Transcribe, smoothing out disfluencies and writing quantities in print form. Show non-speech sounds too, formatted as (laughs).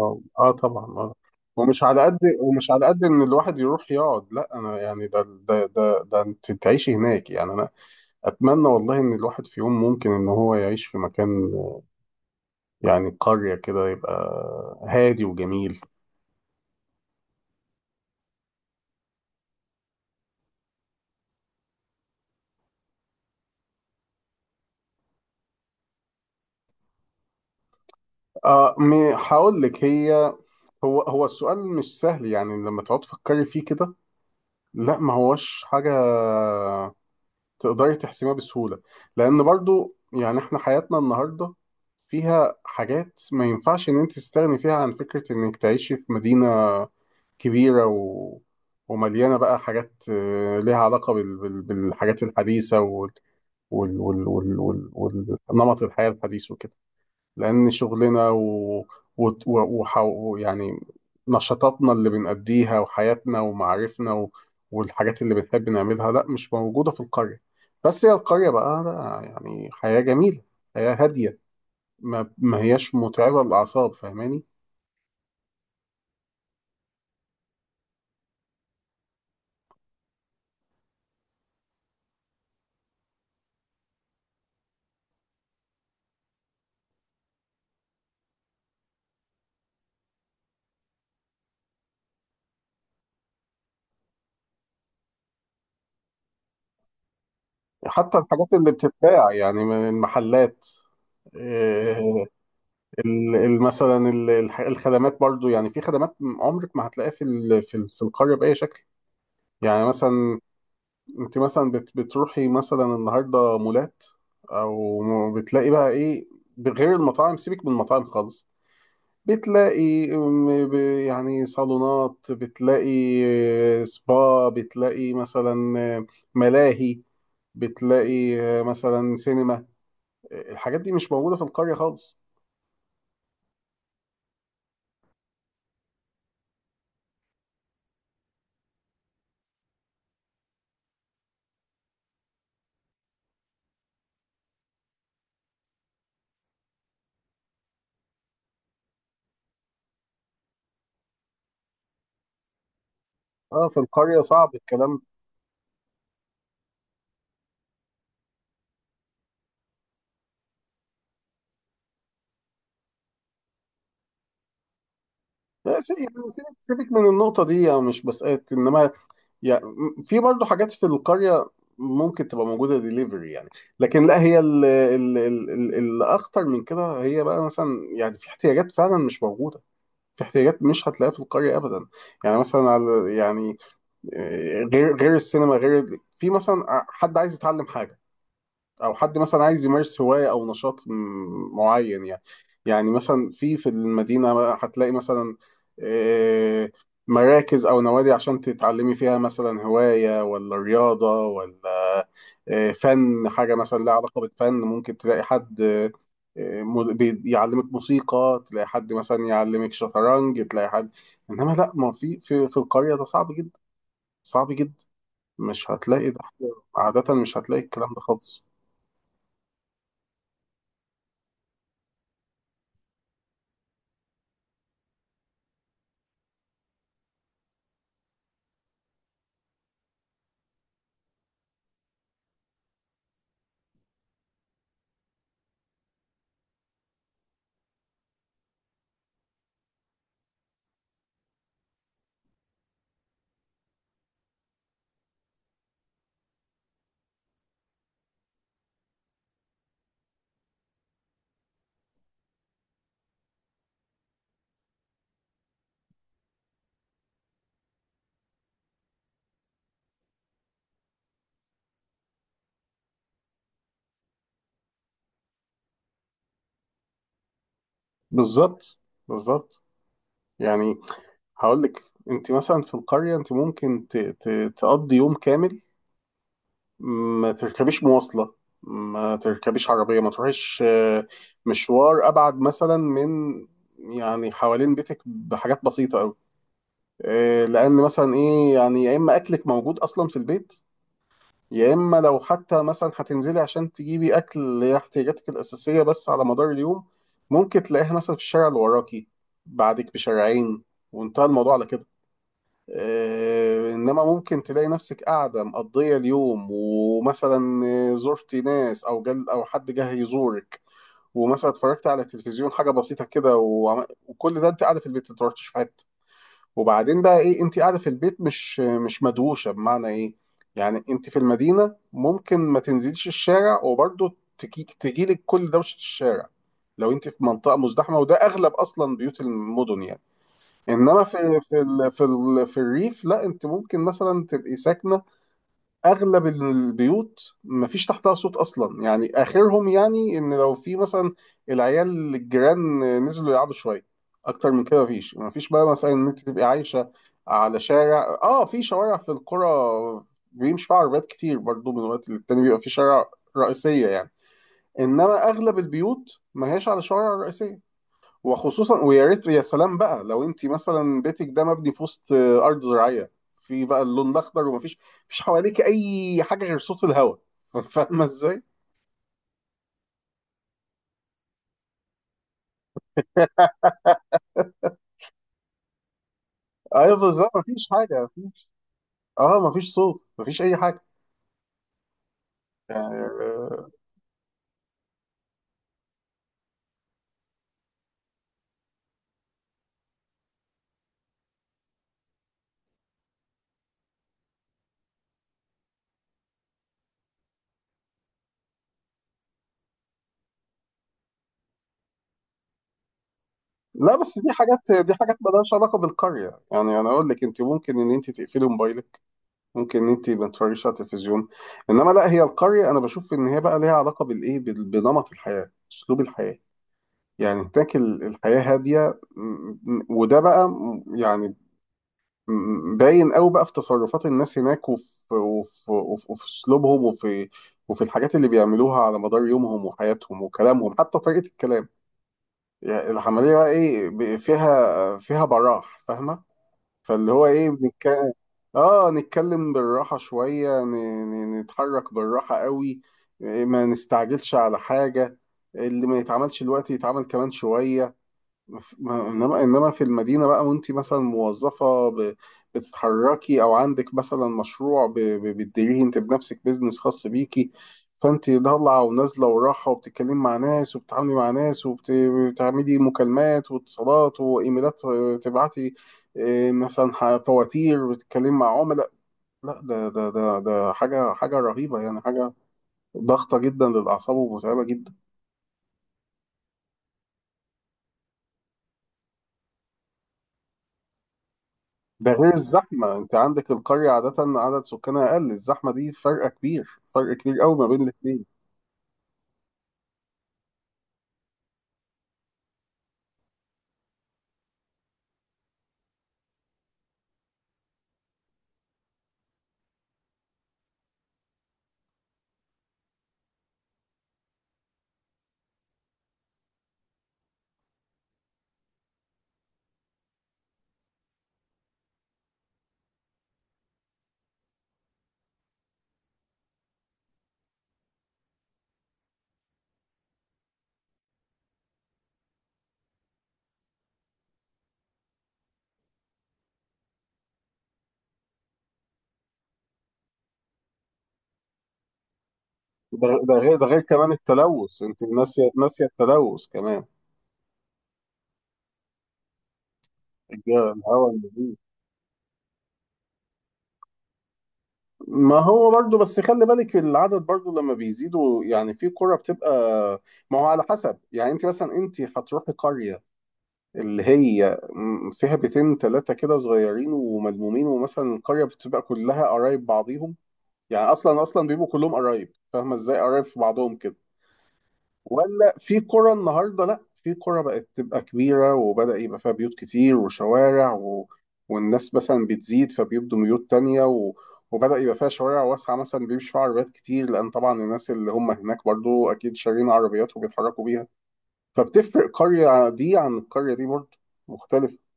اه، آه طبعا، اه. ومش على قد ان الواحد يروح يقعد، لا، انا يعني ده ده ده ده انت تعيشي هناك، يعني انا اتمنى والله ان الواحد في يوم ممكن ان هو يعيش في مكان، يعني قرية كده يبقى هادي وجميل. اه، هقول لك، هي هو هو السؤال مش سهل، يعني لما تقعد تفكري فيه كده. لا، ما هوش حاجة تقدري تحسميها بسهولة. لأن برضو يعني إحنا حياتنا النهاردة فيها حاجات ما ينفعش إن أنت تستغني فيها عن فكرة إنك تعيشي في مدينة كبيرة ومليانة بقى حاجات ليها علاقة بالحاجات الحديثة نمط الحياة الحديث وكده. لأن شغلنا و... و... وح... يعني نشاطاتنا اللي بنأديها وحياتنا ومعارفنا والحاجات اللي بنحب نعملها لا مش موجودة في القرية. بس هي القرية بقى لا، يعني حياة جميلة، حياة هادية، ما هياش متعبة للأعصاب، فاهماني؟ حتى الحاجات اللي بتتباع يعني من المحلات. آه، مثلا الخدمات برضو، يعني في خدمات عمرك ما هتلاقيها في القرية بأي شكل. يعني مثلا انت مثلا بتروحي مثلا النهارده مولات، او بتلاقي بقى ايه، بغير المطاعم، سيبك من المطاعم خالص. بتلاقي يعني صالونات، بتلاقي سبا، بتلاقي مثلا ملاهي، بتلاقي مثلا سينما. الحاجات دي مش موجودة في القرية خالص. اه، في القرية صعب الكلام ده. لا، يعني سيبك من النقطة دي، يعني مش بسألك، إنما يعني في برضه حاجات في القرية ممكن تبقى موجودة ديليفري يعني. لكن لا، هي الأخطر من كده هي بقى مثلا، يعني في احتياجات فعلا مش موجودة، في احتياجات مش هتلاقيها في القرية أبدا. يعني مثلا، على يعني، غير غير السينما، غير في مثلا حد عايز يتعلم حاجة، او حد مثلا عايز يمارس هوايه او نشاط معين يعني. يعني مثلا في المدينه بقى هتلاقي مثلا آه، مراكز او نوادي عشان تتعلمي فيها مثلا هوايه ولا رياضه ولا فن، حاجه مثلا لها علاقه بالفن، ممكن تلاقي حد يعلمك موسيقى، تلاقي حد مثلا يعلمك شطرنج، تلاقي حد. انما لا، ما في القريه ده صعب جدا، صعب جدا، مش هتلاقي ده، عادة مش هتلاقي الكلام ده خالص. بالظبط، بالظبط. يعني هقول لك، انت مثلا في القريه انت ممكن تقضي يوم كامل، ما تركبيش مواصله، ما تركبيش عربيه، ما تروحيش مشوار ابعد مثلا من، يعني حوالين بيتك بحاجات بسيطه قوي. لان مثلا ايه، يعني يا اما اكلك موجود اصلا في البيت، يا اما لو حتى مثلا هتنزلي عشان تجيبي اكل، اللي هي احتياجاتك الاساسيه بس، على مدار اليوم ممكن تلاقيها مثلا في الشارع اللي وراكي، بعدك بشارعين، وانتهى الموضوع على كده. انما ممكن تلاقي نفسك قاعده مقضيه اليوم، ومثلا زرتي ناس او جل او حد جه يزورك، ومثلا اتفرجت على التلفزيون حاجه بسيطه كده، وكل ده انت قاعده في البيت ما في حته. وبعدين بقى ايه، انت قاعده في البيت مش مدوشه، بمعنى ايه؟ يعني انت في المدينه ممكن ما تنزليش الشارع وبرضه تجيلك كل دوشه الشارع، لو انت في منطقه مزدحمه، وده اغلب اصلا بيوت المدن يعني. انما في الريف لا، انت ممكن مثلا تبقي ساكنه، اغلب البيوت مفيش تحتها صوت اصلا، يعني اخرهم يعني ان لو في مثلا العيال الجيران نزلوا يلعبوا شويه، اكتر من كده مفيش بقى مثلا ان انت تبقي عايشه على شارع. اه، في شوارع في القرى بيمشي فيها عربيات كتير برضو، من وقت للتاني بيبقى في شارع رئيسيه يعني، انما اغلب البيوت ما هياش على شوارع رئيسيه. وخصوصا، ويا ريت يا سلام بقى لو انت مثلا بيتك ده مبني في وسط ارض زراعيه، في بقى اللون الاخضر ومفيش حواليك اي حاجه غير صوت الهواء. (laughs) فاهمه ازاي؟ ايوه، بالظبط، مفيش حاجه، مفيش. اه، مفيش صوت، مفيش اي حاجه، يعني لا، بس دي حاجات مالهاش علاقه بالقريه، يعني انا اقول لك انت ممكن ان انت تقفلي موبايلك، ممكن ان انت ما تتفرجيش على التلفزيون. انما لا، هي القريه انا بشوف ان هي بقى ليها علاقه بالايه، بنمط الحياه، اسلوب الحياه. يعني هناك الحياة هادية، وده بقى يعني باين قوي بقى في تصرفات الناس هناك وفي اسلوبهم وفي الحاجات اللي بيعملوها على مدار يومهم وحياتهم وكلامهم، حتى طريقة الكلام. يعني العملية بقى ايه، فيها براح، فاهمة؟ فاللي هو ايه بنتكلم. اه، نتكلم بالراحة شوية، نتحرك بالراحة قوي، ما نستعجلش على حاجة، اللي ما يتعملش الوقت يتعمل كمان شوية. انما في المدينه بقى، وانت مثلا موظفه، بتتحركي، او عندك مثلا مشروع بتديريه انت بنفسك، بيزنس خاص بيكي، فانت ضالعه ونازله وراحه وبتتكلمي مع ناس وبتتعاملي مع ناس وبتعملي مكالمات واتصالات وايميلات، تبعتي مثلا فواتير وتتكلمي مع عملاء، لا، ده حاجه رهيبه يعني، حاجه ضغطه جدا للاعصاب ومتعبه جدا. ده غير الزحمة، انت عندك القرية عادة عدد سكانها اقل، الزحمة دي فرق كبير، فرق كبير قوي ما بين الاتنين. ده غير كمان التلوث، انت ناسية، ناسية التلوث كمان. الهواء النظيف. ما هو برضو بس خلي بالك، العدد برضو لما بيزيدوا يعني في قرى بتبقى، ما هو على حسب، يعني انت مثلا انت هتروحي قرية اللي هي فيها بيتين تلاتة كده صغيرين وملمومين، ومثلا القرية بتبقى كلها قرايب بعضيهم، يعني اصلا اصلا بيبقوا كلهم قرايب، فاهمه ازاي؟ قرايب في بعضهم كده. ولا في قرى النهارده، لا، في قرى بقت تبقى كبيره، وبدأ يبقى فيها بيوت كتير وشوارع والناس مثلا بتزيد فبيبدوا بيوت تانية وبدأ يبقى فيها شوارع واسعه مثلا بيمشي فيها عربيات كتير، لان طبعا الناس اللي هم هناك برضو اكيد شارين عربيات وبيتحركوا بيها. فبتفرق قريه دي عن القريه دي، برضو مختلفه.